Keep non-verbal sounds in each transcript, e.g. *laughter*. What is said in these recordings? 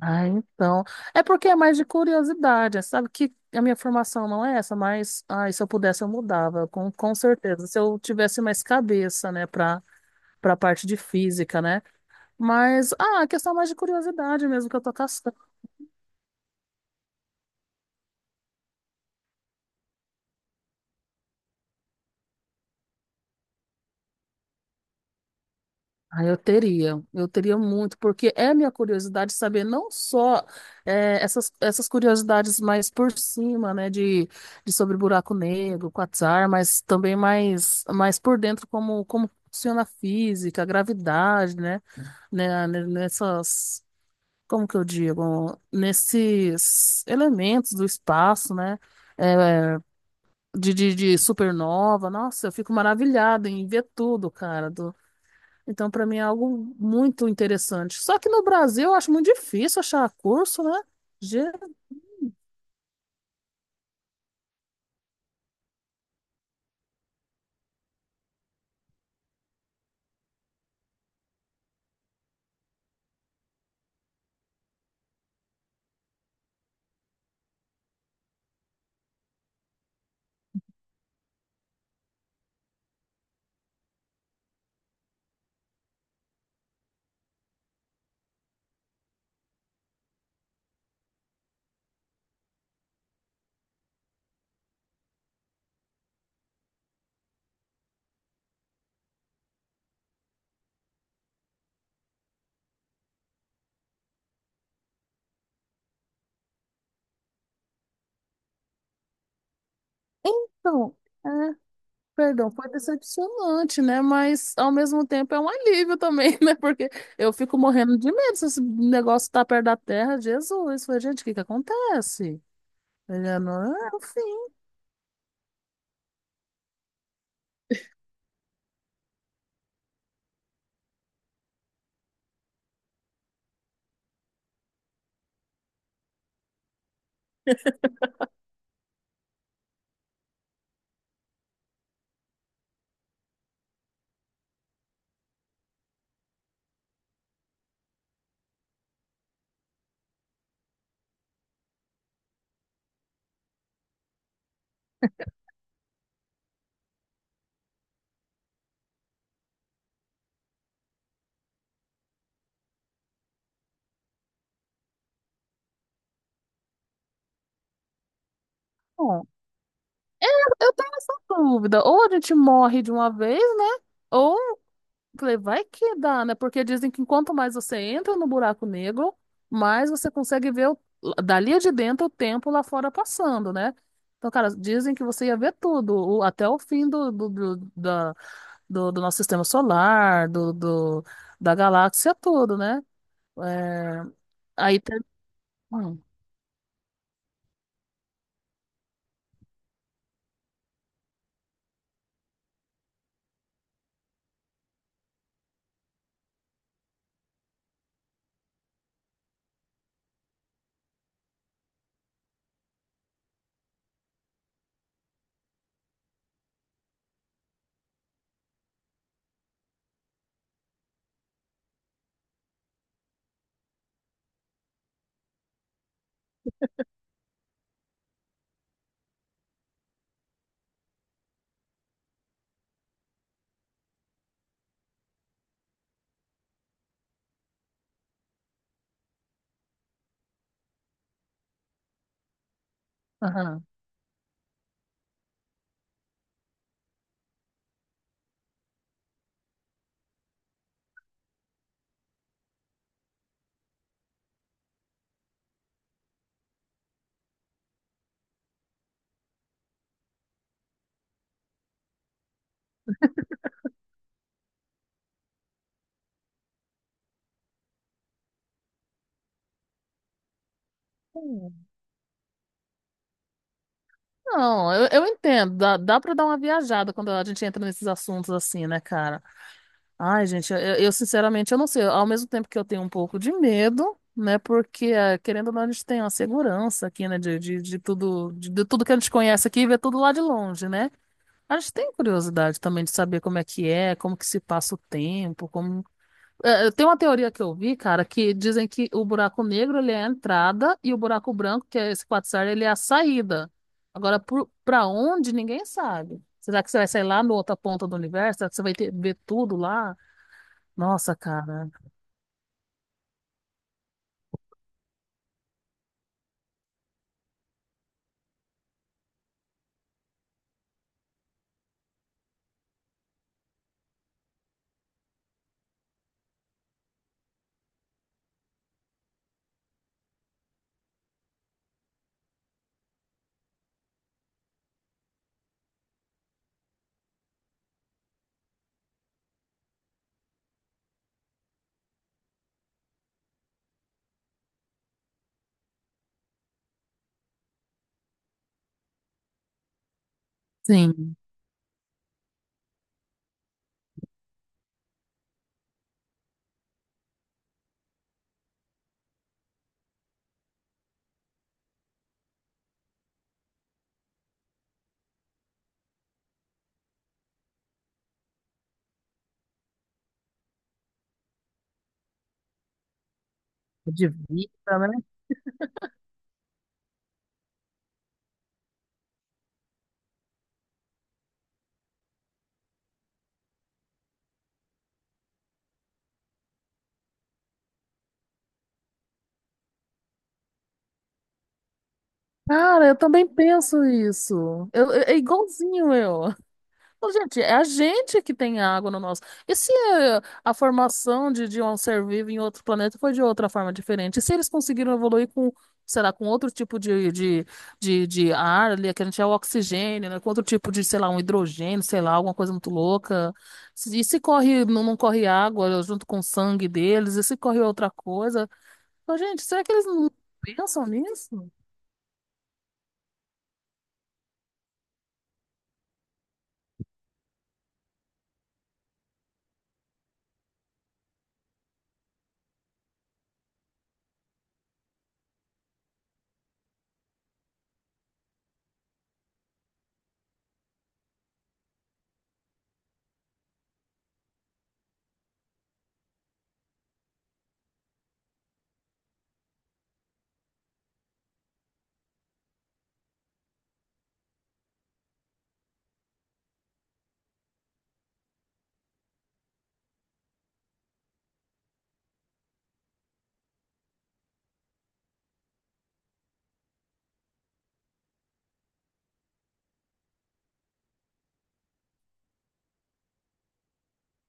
Ah, então. É porque é mais de curiosidade, sabe? Que a minha formação não é essa, mas ai, se eu pudesse eu mudava, com certeza. Se eu tivesse mais cabeça, né, para a parte de física, né? Mas a questão é mais de curiosidade mesmo que eu tô. Eu teria muito, porque é minha curiosidade saber não só essas curiosidades mais por cima, né, de sobre buraco negro, quasar, mas também mais por dentro como funciona a física, a gravidade, né, né, nessas, como que eu digo, nesses elementos do espaço, né, eh, de supernova. Nossa, eu fico maravilhada em ver tudo, cara, então, para mim é algo muito interessante. Só que no Brasil eu acho muito difícil achar curso, né? Ge- Então, é, perdão, foi decepcionante, né? Mas ao mesmo tempo é um alívio também, *laughs* né? Porque eu fico morrendo de medo se esse negócio tá perto da terra. Jesus, falei, gente, o que que acontece? Ele, é, não, é o fim. Bom, eu tenho essa dúvida. Ou a gente morre de uma vez, né? Ou falei, vai que dá, né? Porque dizem que quanto mais você entra no buraco negro, mais você consegue dali de dentro o tempo lá fora passando, né? Então, cara, dizem que você ia ver tudo, até o fim do, do nosso sistema solar, da galáxia, tudo, né? É, aí tem. Hum, aham. Não, eu entendo. Dá pra dar uma viajada quando a gente entra nesses assuntos assim, né, cara? Ai, gente, eu sinceramente eu não sei. Ao mesmo tempo que eu tenho um pouco de medo, né? Porque, querendo ou não, a gente tem uma segurança aqui, né? De tudo, de tudo que a gente conhece aqui e vê tudo lá de longe, né? A gente tem curiosidade também de saber como é que é, como que se passa o tempo, como. Eu tenho uma teoria que eu vi, cara, que dizem que o buraco negro ele é a entrada e o buraco branco, que é esse quasar, ele é a saída. Agora, pra onde, ninguém sabe. Será que você vai sair lá na outra ponta do universo? Será que você vai ter, ver tudo lá? Nossa, cara. Sim. É de vida, né? Cara, eu também penso isso. É igualzinho eu. Ô, gente, é a gente que tem água no nosso. E se é, a formação de um ser vivo em outro planeta foi de outra forma diferente? E se eles conseguiram evoluir com, sei lá, com outro tipo de ar ali, que a gente é o oxigênio, né? Com outro tipo de, sei lá, um hidrogênio, sei lá, alguma coisa muito louca. E se corre, não, não corre água junto com o sangue deles? E se corre outra coisa? Ô, gente, será que eles não pensam nisso?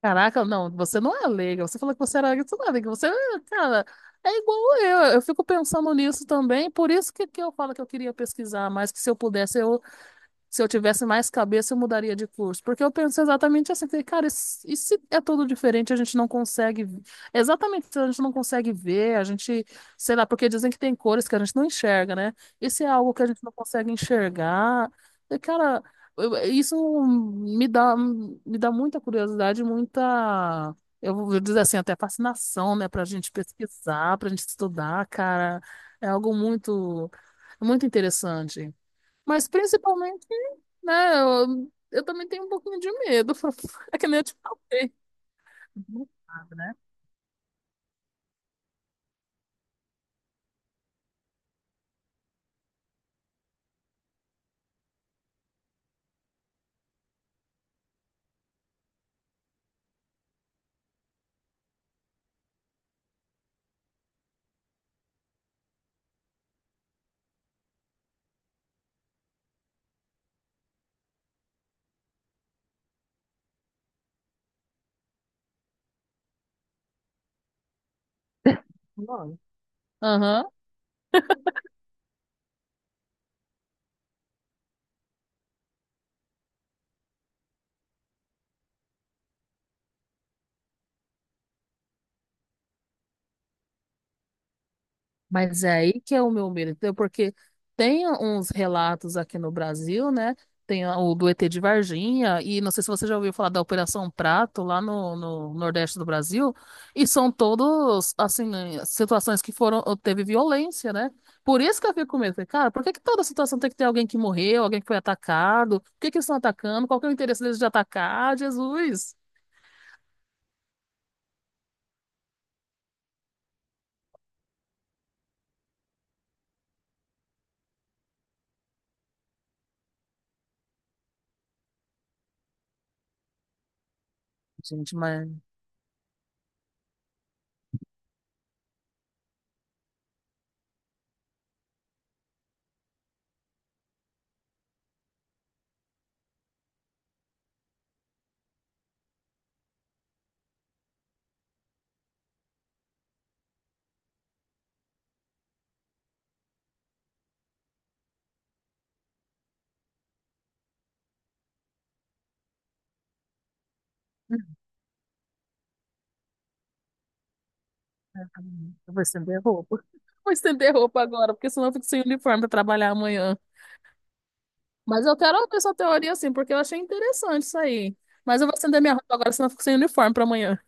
Caraca, não, você não é leiga. Você falou que você era leiga, você não é leiga. Você, é, cara, é igual eu. Eu fico pensando nisso também. Por isso que eu falo que eu queria pesquisar mais, que se eu pudesse, eu. Se eu tivesse mais cabeça, eu mudaria de curso. Porque eu penso exatamente assim, falei, cara, e se é tudo diferente, a gente não consegue. Exatamente, a gente não consegue ver, a gente, sei lá, porque dizem que tem cores que a gente não enxerga, né? E se é algo que a gente não consegue enxergar. E, cara, isso me dá muita curiosidade, muita. Eu vou dizer assim, até fascinação, né? Pra gente pesquisar, pra gente estudar, cara. É algo muito, muito interessante. Mas principalmente, né, eu também tenho um pouquinho de medo. *laughs* É que nem eu te falei. Não sabe, né? Não. Mas é aí que é o meu medo, entendeu? Porque tem uns relatos aqui no Brasil, né? Tem o do ET de Varginha, e não sei se você já ouviu falar da Operação Prato lá no Nordeste do Brasil, e são todos, assim, situações que foram, teve violência, né? Por isso que eu fico com medo. Falei, cara, por que que toda situação tem que ter alguém que morreu, alguém que foi atacado? Por que que eles estão atacando? Qual que é o interesse deles de atacar? Jesus! Gente, mas. Eu vou estender roupa. *laughs* Vou estender roupa agora, porque senão eu fico sem uniforme para trabalhar amanhã. Mas eu quero ouvir sua teoria assim, porque eu achei interessante isso aí. Mas eu vou estender minha roupa agora, senão eu fico sem uniforme para amanhã.